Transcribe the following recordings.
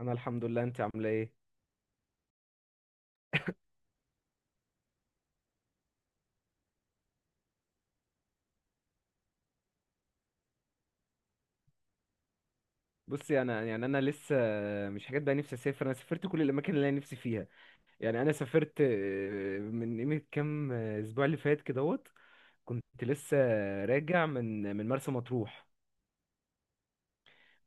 انا الحمد لله. انت عامله ايه؟ بصي، انا يعني انا لسه مش حاجات بقى نفسي اسافر. انا سافرت كل الاماكن اللي انا نفسي فيها. يعني انا سافرت من قيمه كام اسبوع اللي فات كدهوت. كنت لسه راجع من مرسى مطروح.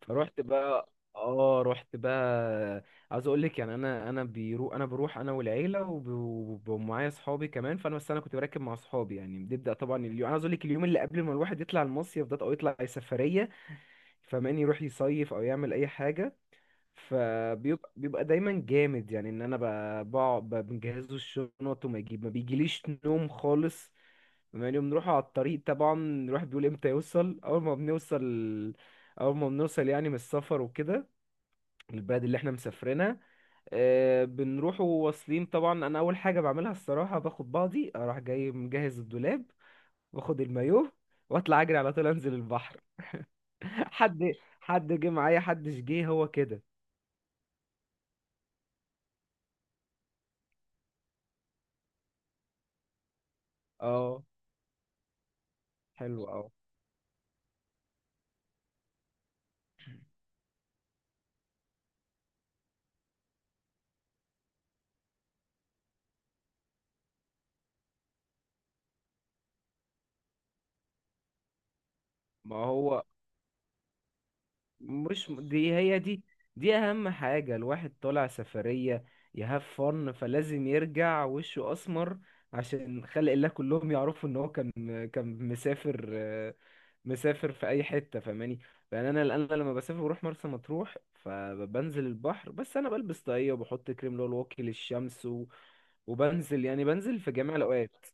فروحت بقى، اه رحت بقى. عاوز اقول لك، يعني انا بيرو، انا بروح انا والعيله ومعايا اصحابي كمان. فانا، بس انا كنت براكب مع اصحابي. يعني بنبدا، طبعا اليوم، انا عاوز اقول لك، اليوم اللي قبل ما الواحد يطلع المصيف ده او يطلع اي سفريه، فاهماني، يروح يصيف او يعمل اي حاجه، فبيبقى دايما جامد. يعني ان انا بقعد بنجهزه الشنط، وما يجيب، ما بيجيليش نوم خالص. بما اني بنروح على الطريق طبعا، الواحد بيقول امتى يوصل. اول ما بنوصل، اول ما بنوصل يعني من السفر وكده، البلد اللي احنا مسافرينها، بنروح وواصلين. طبعا انا اول حاجه بعملها الصراحه، باخد بعضي اروح جاي مجهز الدولاب، واخد المايوه، واطلع اجري على طول انزل البحر. حد، حد جه معايا؟ حدش جه، هو كده. اه حلو، اه. ما هو مش دي هي دي، دي اهم حاجة. الواحد طالع سفرية يهاف فن، فلازم يرجع وشه اسمر عشان خلق الله كلهم يعرفوا ان هو كان، كان مسافر، مسافر في اي حتة، فاهماني. يعني انا لما بسافر بروح مرسى مطروح، فبنزل البحر. بس انا بلبس طاقية، وبحط كريم اللي هو الواقي للشمس، و... وبنزل، يعني بنزل في جميع الاوقات.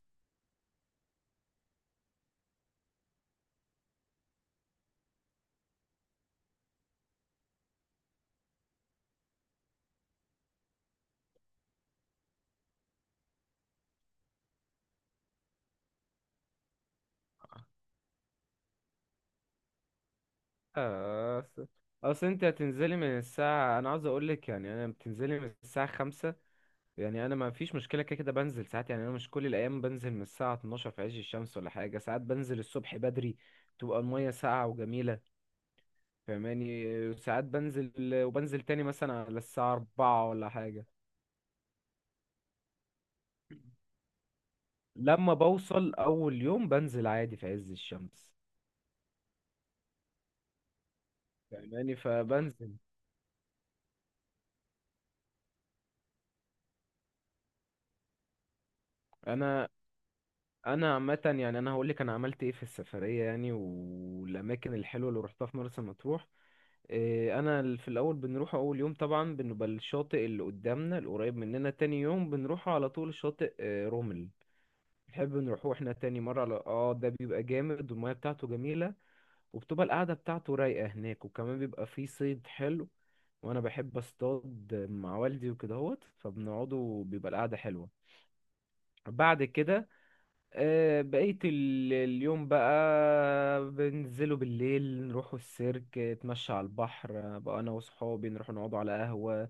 أصل، أنت هتنزلي من الساعة، أنا عاوز أقولك، يعني أنا بتنزلي من الساعة 5. يعني أنا ما فيش مشكلة، كده كده بنزل ساعات. يعني أنا مش كل الأيام بنزل من الساعة 12 في عز الشمس ولا حاجة. ساعات بنزل الصبح بدري، تبقى المية ساقعة وجميلة، فاهماني. ساعات بنزل وبنزل تاني مثلا على الساعة 4 ولا حاجة. لما بوصل أول يوم بنزل عادي في عز الشمس، فاهماني، فبنزل. أنا، انا عامه يعني، انا هقول لك انا عملت ايه في السفريه، يعني والاماكن الحلوه اللي روحتها في مرسى مطروح. انا في الاول بنروح، اول يوم طبعا بنبقى الشاطئ اللي قدامنا القريب مننا. تاني يوم بنروح على طول شاطئ رمل، بنحب نروحه احنا تاني مره. على اه، ده بيبقى جامد، والميه بتاعته جميله، وبتبقى القعده بتاعته رايقه هناك، وكمان بيبقى فيه صيد حلو، وانا بحب اصطاد مع والدي وكدهوت. فبنقعدوا، بيبقى القعده حلوه. بعد كده، بقيت اليوم بقى بننزله بالليل، نروحوا السيرك، اتمشى على البحر. بقى انا وصحابي نروح نقعدوا على قهوة.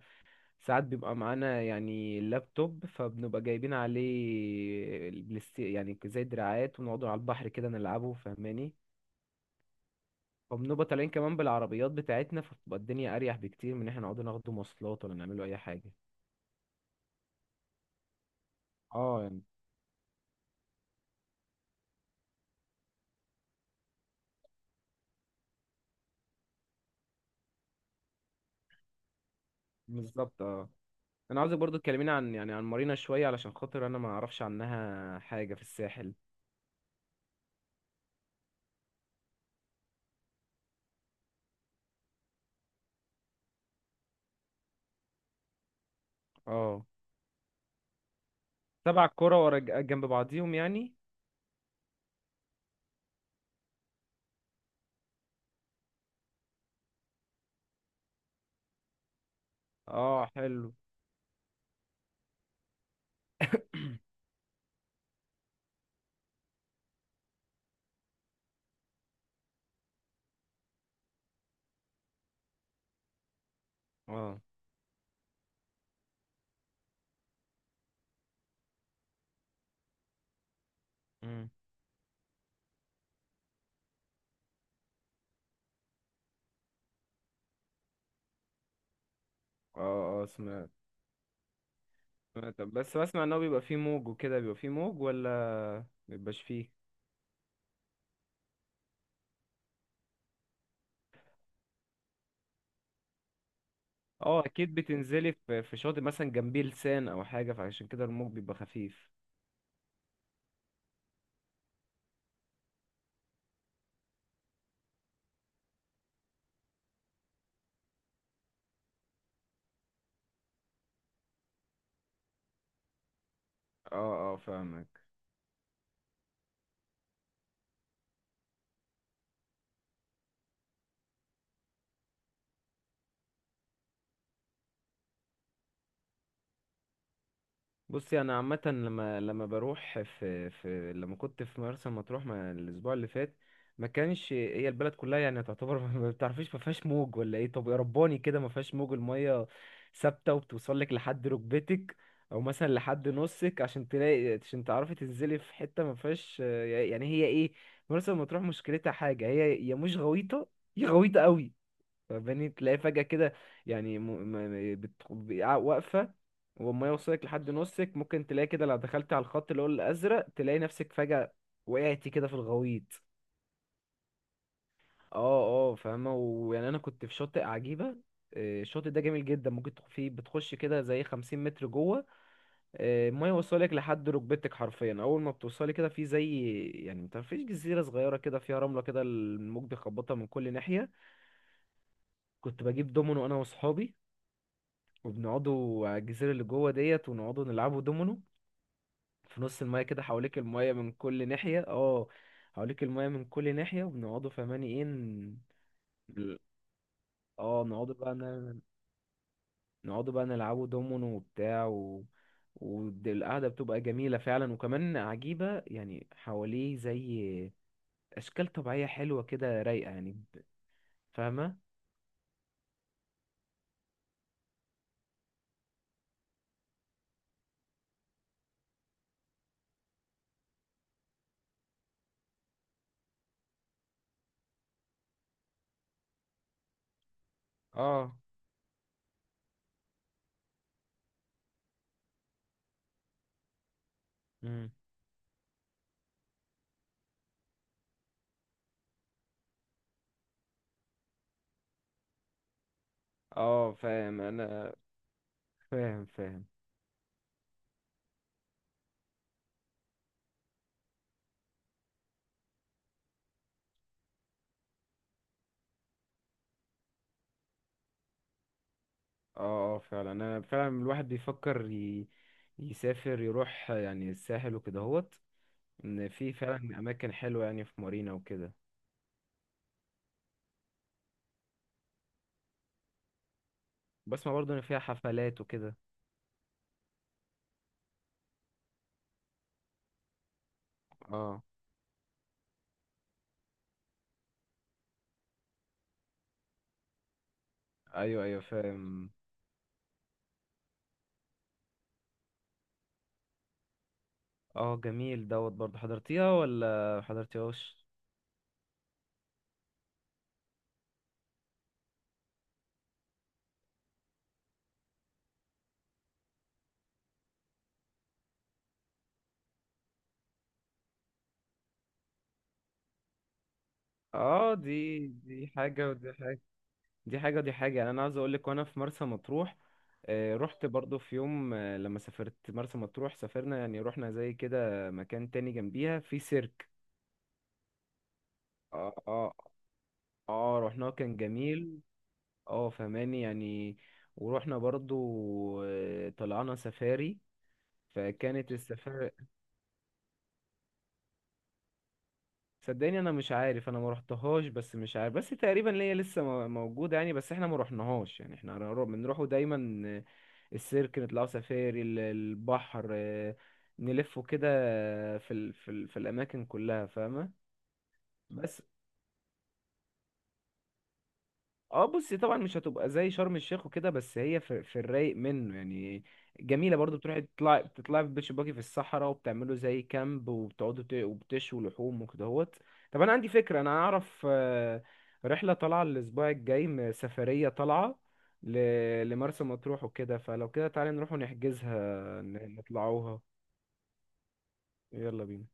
ساعات بيبقى معانا يعني اللابتوب، فبنبقى جايبين عليه البلاستي يعني زي دراعات، ونقعدوا على البحر كده نلعبه، فاهماني. وبنبقى طالعين كمان بالعربيات بتاعتنا، فبتبقى الدنيا اريح بكتير من ان احنا نقعد ناخد مواصلات ولا نعملوا اي حاجة. اه يعني، بالظبط اه. انا عاوزك برضو تكلميني عن، يعني عن مارينا شويه، علشان خاطر انا ما اعرفش عنها حاجه في الساحل. اه، سبع كرة ورا جنب بعضيهم يعني. اه حلو، اه. مم. اه اه سمعت. سمعت، بس بسمع ان هو بيبقى فيه موج وكده. بيبقى فيه موج ولا مبيبقاش فيه؟ اه اكيد بتنزلي في شاطئ مثلا جنبيه لسان او حاجه، فعشان كده الموج بيبقى خفيف. اه اه فاهمك. بصي انا عامه، لما بروح في لما كنت في مرسى مطروح، ما الاسبوع اللي فات، ما كانش هي البلد كلها يعني تعتبر ما بتعرفيش، ما فيهاش موج ولا ايه. طب يا رباني، كده ما فيهاش موج، الميه ثابته، وبتوصل لك لحد ركبتك، او مثلا لحد نصك. عشان تلاقي، عشان تعرفي تنزلي في حته ما فيهاش، يعني هي ايه، مرسى مطروح مشكلتها حاجه، هي يا مش غويطه يا غويطه قوي، فاهماني. تلاقي فجأة كده يعني واقفة وما يوصلك لحد نصك، ممكن تلاقي كده لو دخلت على الخط اللي هو الأزرق تلاقي نفسك فجأة وقعتي كده في الغويط. اه اه فاهمة. ويعني أنا كنت في شاطئ عجيبة. الشاطئ ده جميل جدا، ممكن فيه بتخش كده زي 50 متر جوه. المية يوصلك لحد ركبتك حرفيا. أول ما بتوصلي كده، في زي يعني متعرفيش جزيرة صغيرة كده، فيها رملة كده، الموج بيخبطها من كل ناحية. كنت بجيب دومينو أنا وأصحابي، وبنقعدوا على الجزيرة اللي جوه ديت، ونقعدوا نلعبوا دومينو في نص المايه كده، حواليك المايه من كل ناحية. اه، حواليك المايه من كل ناحية وبنقعدوا، فهماني ايه، اه. نقعدوا بقى نقعدوا بقى نلعبوا دومينو وبتاع، و... والقعدة بتبقى جميلة فعلا وكمان عجيبة يعني، حواليه زي أشكال طبيعية حلوة كده رايقة، يعني فاهمة؟ اه. مم. اه فاهم أنا، فاهم فاهم. اه اه فعلا، انا فعلا الواحد بيفكر يسافر يروح يعني الساحل وكده هوت. ان في فعلا اماكن حلوه يعني في مارينا وكده. بسمع برضو ان فيها حفلات وكده. اه ايوه ايوه فاهم. اه جميل دوت. برضو حضرتيها ولا حضرتيهاش؟ اه دي دي حاجه ودي حاجه. دي حاجه ودي حاجه. يعني انا عاوز اقول لك، وانا في مرسى مطروح، رحت برضو في يوم، لما سافرت مرسى مطروح، سافرنا يعني رحنا زي كده مكان تاني جنبيها، في سيرك. اه اه اه، رحناه كان جميل. اه فهماني يعني. ورحنا برضو، طلعنا سفاري، فكانت السفاري. صدقني انا مش عارف، انا ما رحتهاش، بس مش عارف، بس تقريبا ليا لسه موجوده يعني. بس احنا ما رحناهاش يعني. احنا بنروحوا دايما السيرك، نطلعوا سفاري، البحر. نلفوا كده في الاماكن كلها، فاهمه. بس اه، بصي طبعا مش هتبقى زي شرم الشيخ وكده، بس هي في, في الرايق منه يعني. جميله برضو، بتروحي تطلعي بتطلعي في بيتش باجي في الصحراء، وبتعملوا زي كامب، وبتقعدوا وبتشوا لحوم وكدهوت. طب انا عندي فكره، انا اعرف رحله طالعه الاسبوع الجاي، سفريه طالعه لمرسى مطروح وكده. فلو كده تعالي نروح ونحجزها، نطلعوها. يلا بينا.